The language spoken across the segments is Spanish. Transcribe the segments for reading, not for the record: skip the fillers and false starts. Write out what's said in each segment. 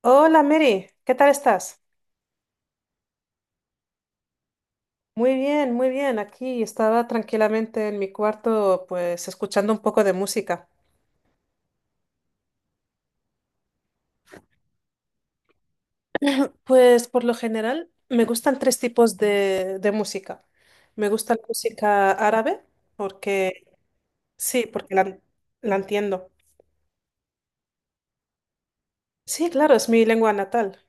Hola Mary, ¿qué tal estás? Muy bien, muy bien. Aquí estaba tranquilamente en mi cuarto, pues escuchando un poco de música. Pues por lo general me gustan 3 tipos de música. Me gusta la música árabe, porque sí, porque la entiendo. Sí, claro, es mi lengua natal.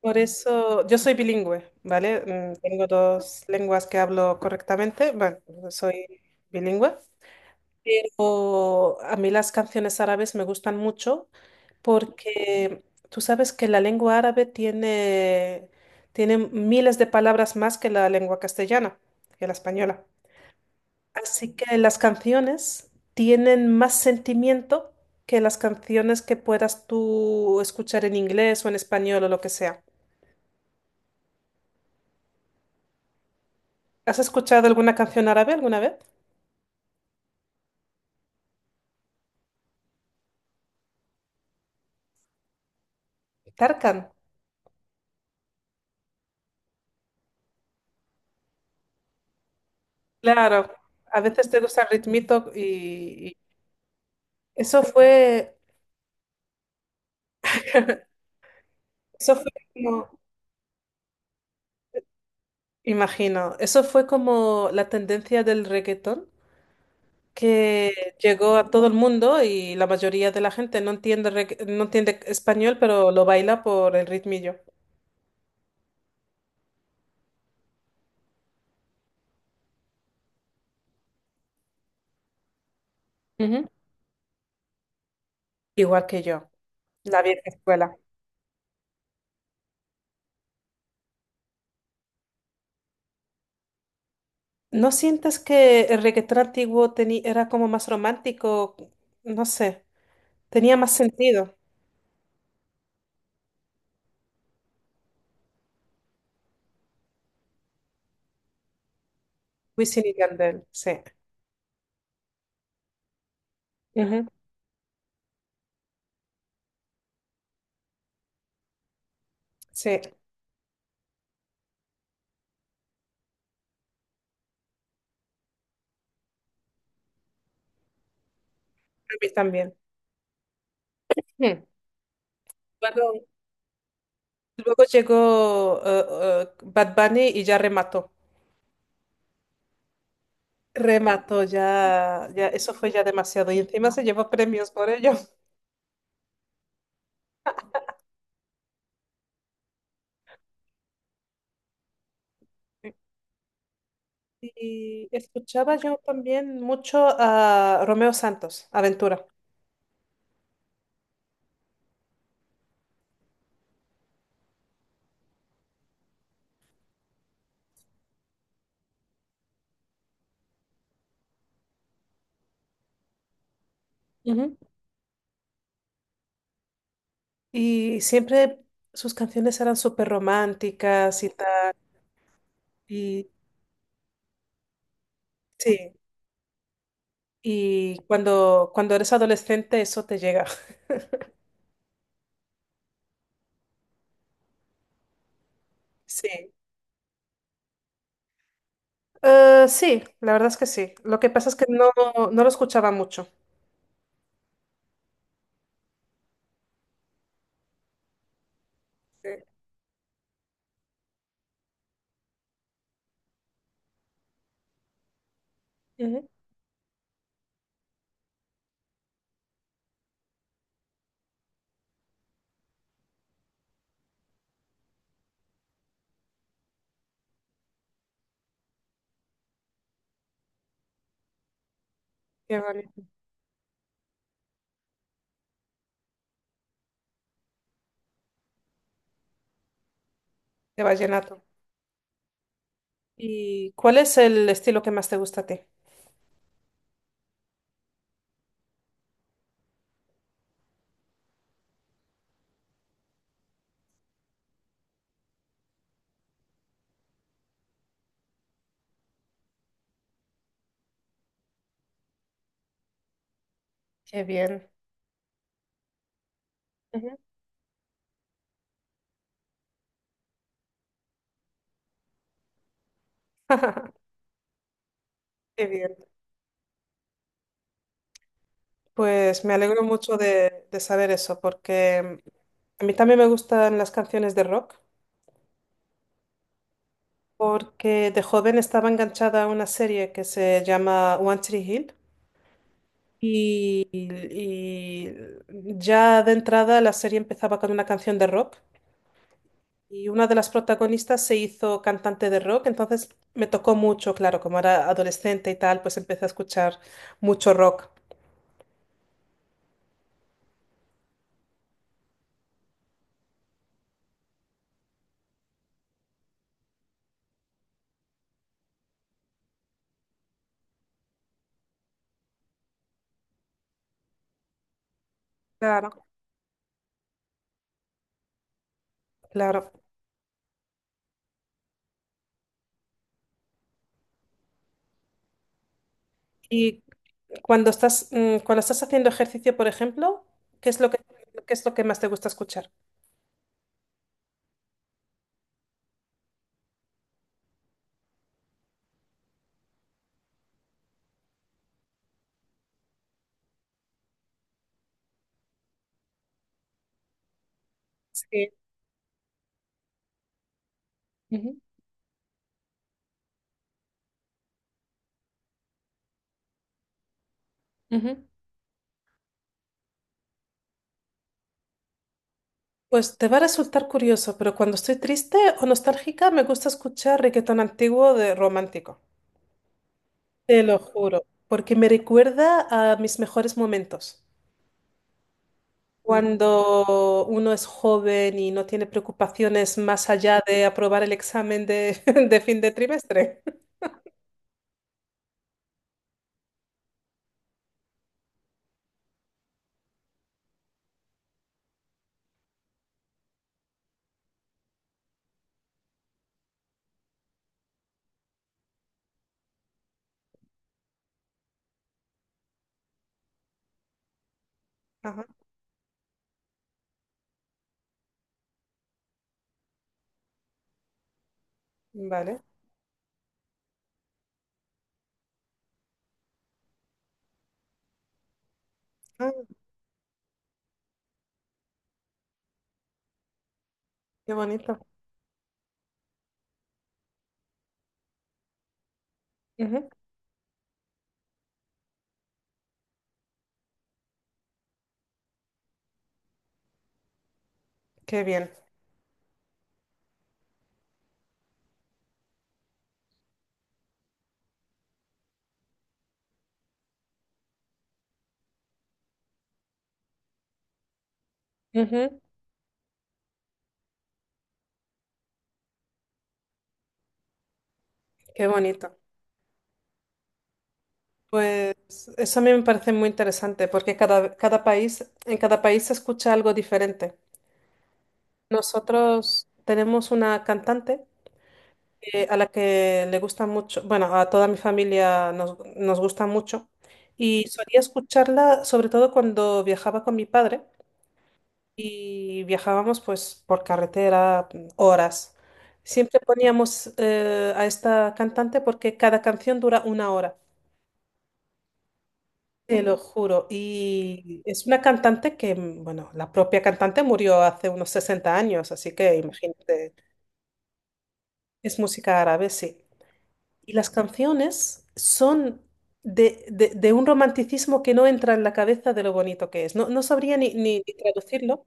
Por eso yo soy bilingüe, ¿vale? Tengo 2 lenguas que hablo correctamente. Bueno, soy bilingüe. Pero a mí las canciones árabes me gustan mucho porque tú sabes que la lengua árabe tiene miles de palabras más que la lengua castellana, que la española. Así que las canciones tienen más sentimiento que las canciones que puedas tú escuchar en inglés o en español o lo que sea. ¿Has escuchado alguna canción árabe alguna vez? Tarkan. Claro, a veces te gusta el ritmito y eso fue... Eso fue como, imagino, eso fue como la tendencia del reggaetón que llegó a todo el mundo y la mayoría de la gente no entiende, no entiende español, pero lo baila por el ritmillo. Ujú. Igual que yo, la vieja escuela. ¿No sientes que el reggaetón antiguo era como más romántico? No sé, tenía más sentido. Wisin y Yandel, sí. Ujú. Sí, a mí también. Mm. Luego llegó Bad Bunny y ya remató. Remató, ya, ya, eso fue ya demasiado. Y encima se llevó premios por ello. Y escuchaba yo también mucho a Romeo Santos, Aventura. Ujú. Y siempre sus canciones eran súper románticas y tal. Y sí, y cuando eres adolescente eso te llega. Sí. Sí, la verdad es que sí. Lo que pasa es que no, no lo escuchaba mucho. Sí. Ujú. Qué bonito. De vallenato. ¿Y cuál es el estilo que más te gusta a ti? Qué bien. Ujú. Qué bien. Pues me alegro mucho de saber eso, porque a mí también me gustan las canciones de rock, porque de joven estaba enganchada a una serie que se llama One Tree Hill y ya de entrada la serie empezaba con una canción de rock. Y una de las protagonistas se hizo cantante de rock, entonces me tocó mucho, claro, como era adolescente y tal, pues empecé a escuchar mucho rock. Claro. Claro. Y cuando estás, cuando estás haciendo ejercicio, por ejemplo, ¿qué es lo qué es lo que más te gusta escuchar? Sí. Ujú, ujú. Pues te va a resultar curioso, pero cuando estoy triste o nostálgica, me gusta escuchar reggaetón antiguo de romántico. Te lo juro, porque me recuerda a mis mejores momentos. Cuando uno es joven y no tiene preocupaciones más allá de aprobar el examen de fin de trimestre. Ajá, vale. Ah, qué bonito. Ujú. Qué bien. Ujú. Qué bonito. Pues eso a mí me parece muy interesante porque cada país, en cada país se escucha algo diferente. Nosotros tenemos una cantante a la que le gusta mucho, bueno, a toda mi familia nos gusta mucho y solía escucharla sobre todo cuando viajaba con mi padre y viajábamos pues por carretera horas. Siempre poníamos a esta cantante porque cada canción dura 1 hora, te lo juro. Y es una cantante que, bueno, la propia cantante murió hace unos 60 años, así que imagínate, es música árabe, sí. Y las canciones son de un romanticismo que no entra en la cabeza de lo bonito que es. No, no sabría ni traducirlo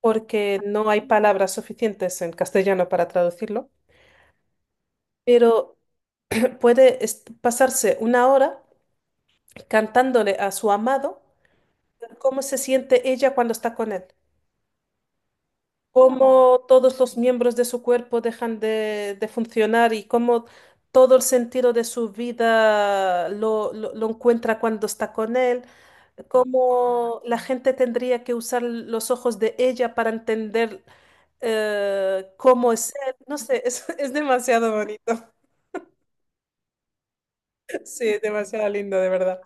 porque no hay palabras suficientes en castellano para traducirlo, pero puede pasarse 1 hora cantándole a su amado cómo se siente ella cuando está con él. Cómo todos los miembros de su cuerpo dejan de funcionar y cómo todo el sentido de su vida lo encuentra cuando está con él, cómo la gente tendría que usar los ojos de ella para entender cómo es él. No sé, es, es demasiado bonito. Sí, demasiado lindo, de verdad.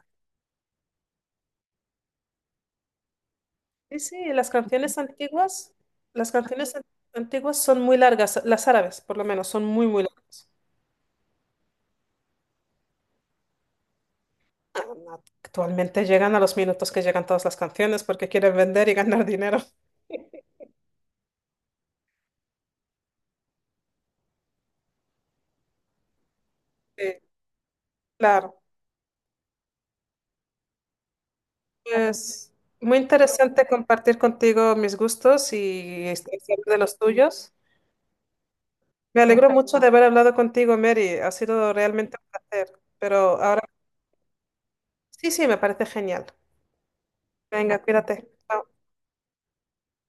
Sí, sí, las canciones antiguas, las canciones an- antiguas son muy largas, las árabes por lo menos, son muy, muy largas. Actualmente llegan a los minutos que llegan todas las canciones porque quieren vender y ganar dinero. Sí, claro. Es muy interesante compartir contigo mis gustos y estar siempre de los tuyos. Me alegro mucho de haber hablado contigo, Mary. Ha sido realmente un placer. Pero ahora sí, sí, me parece genial. Venga, cuídate. Chao.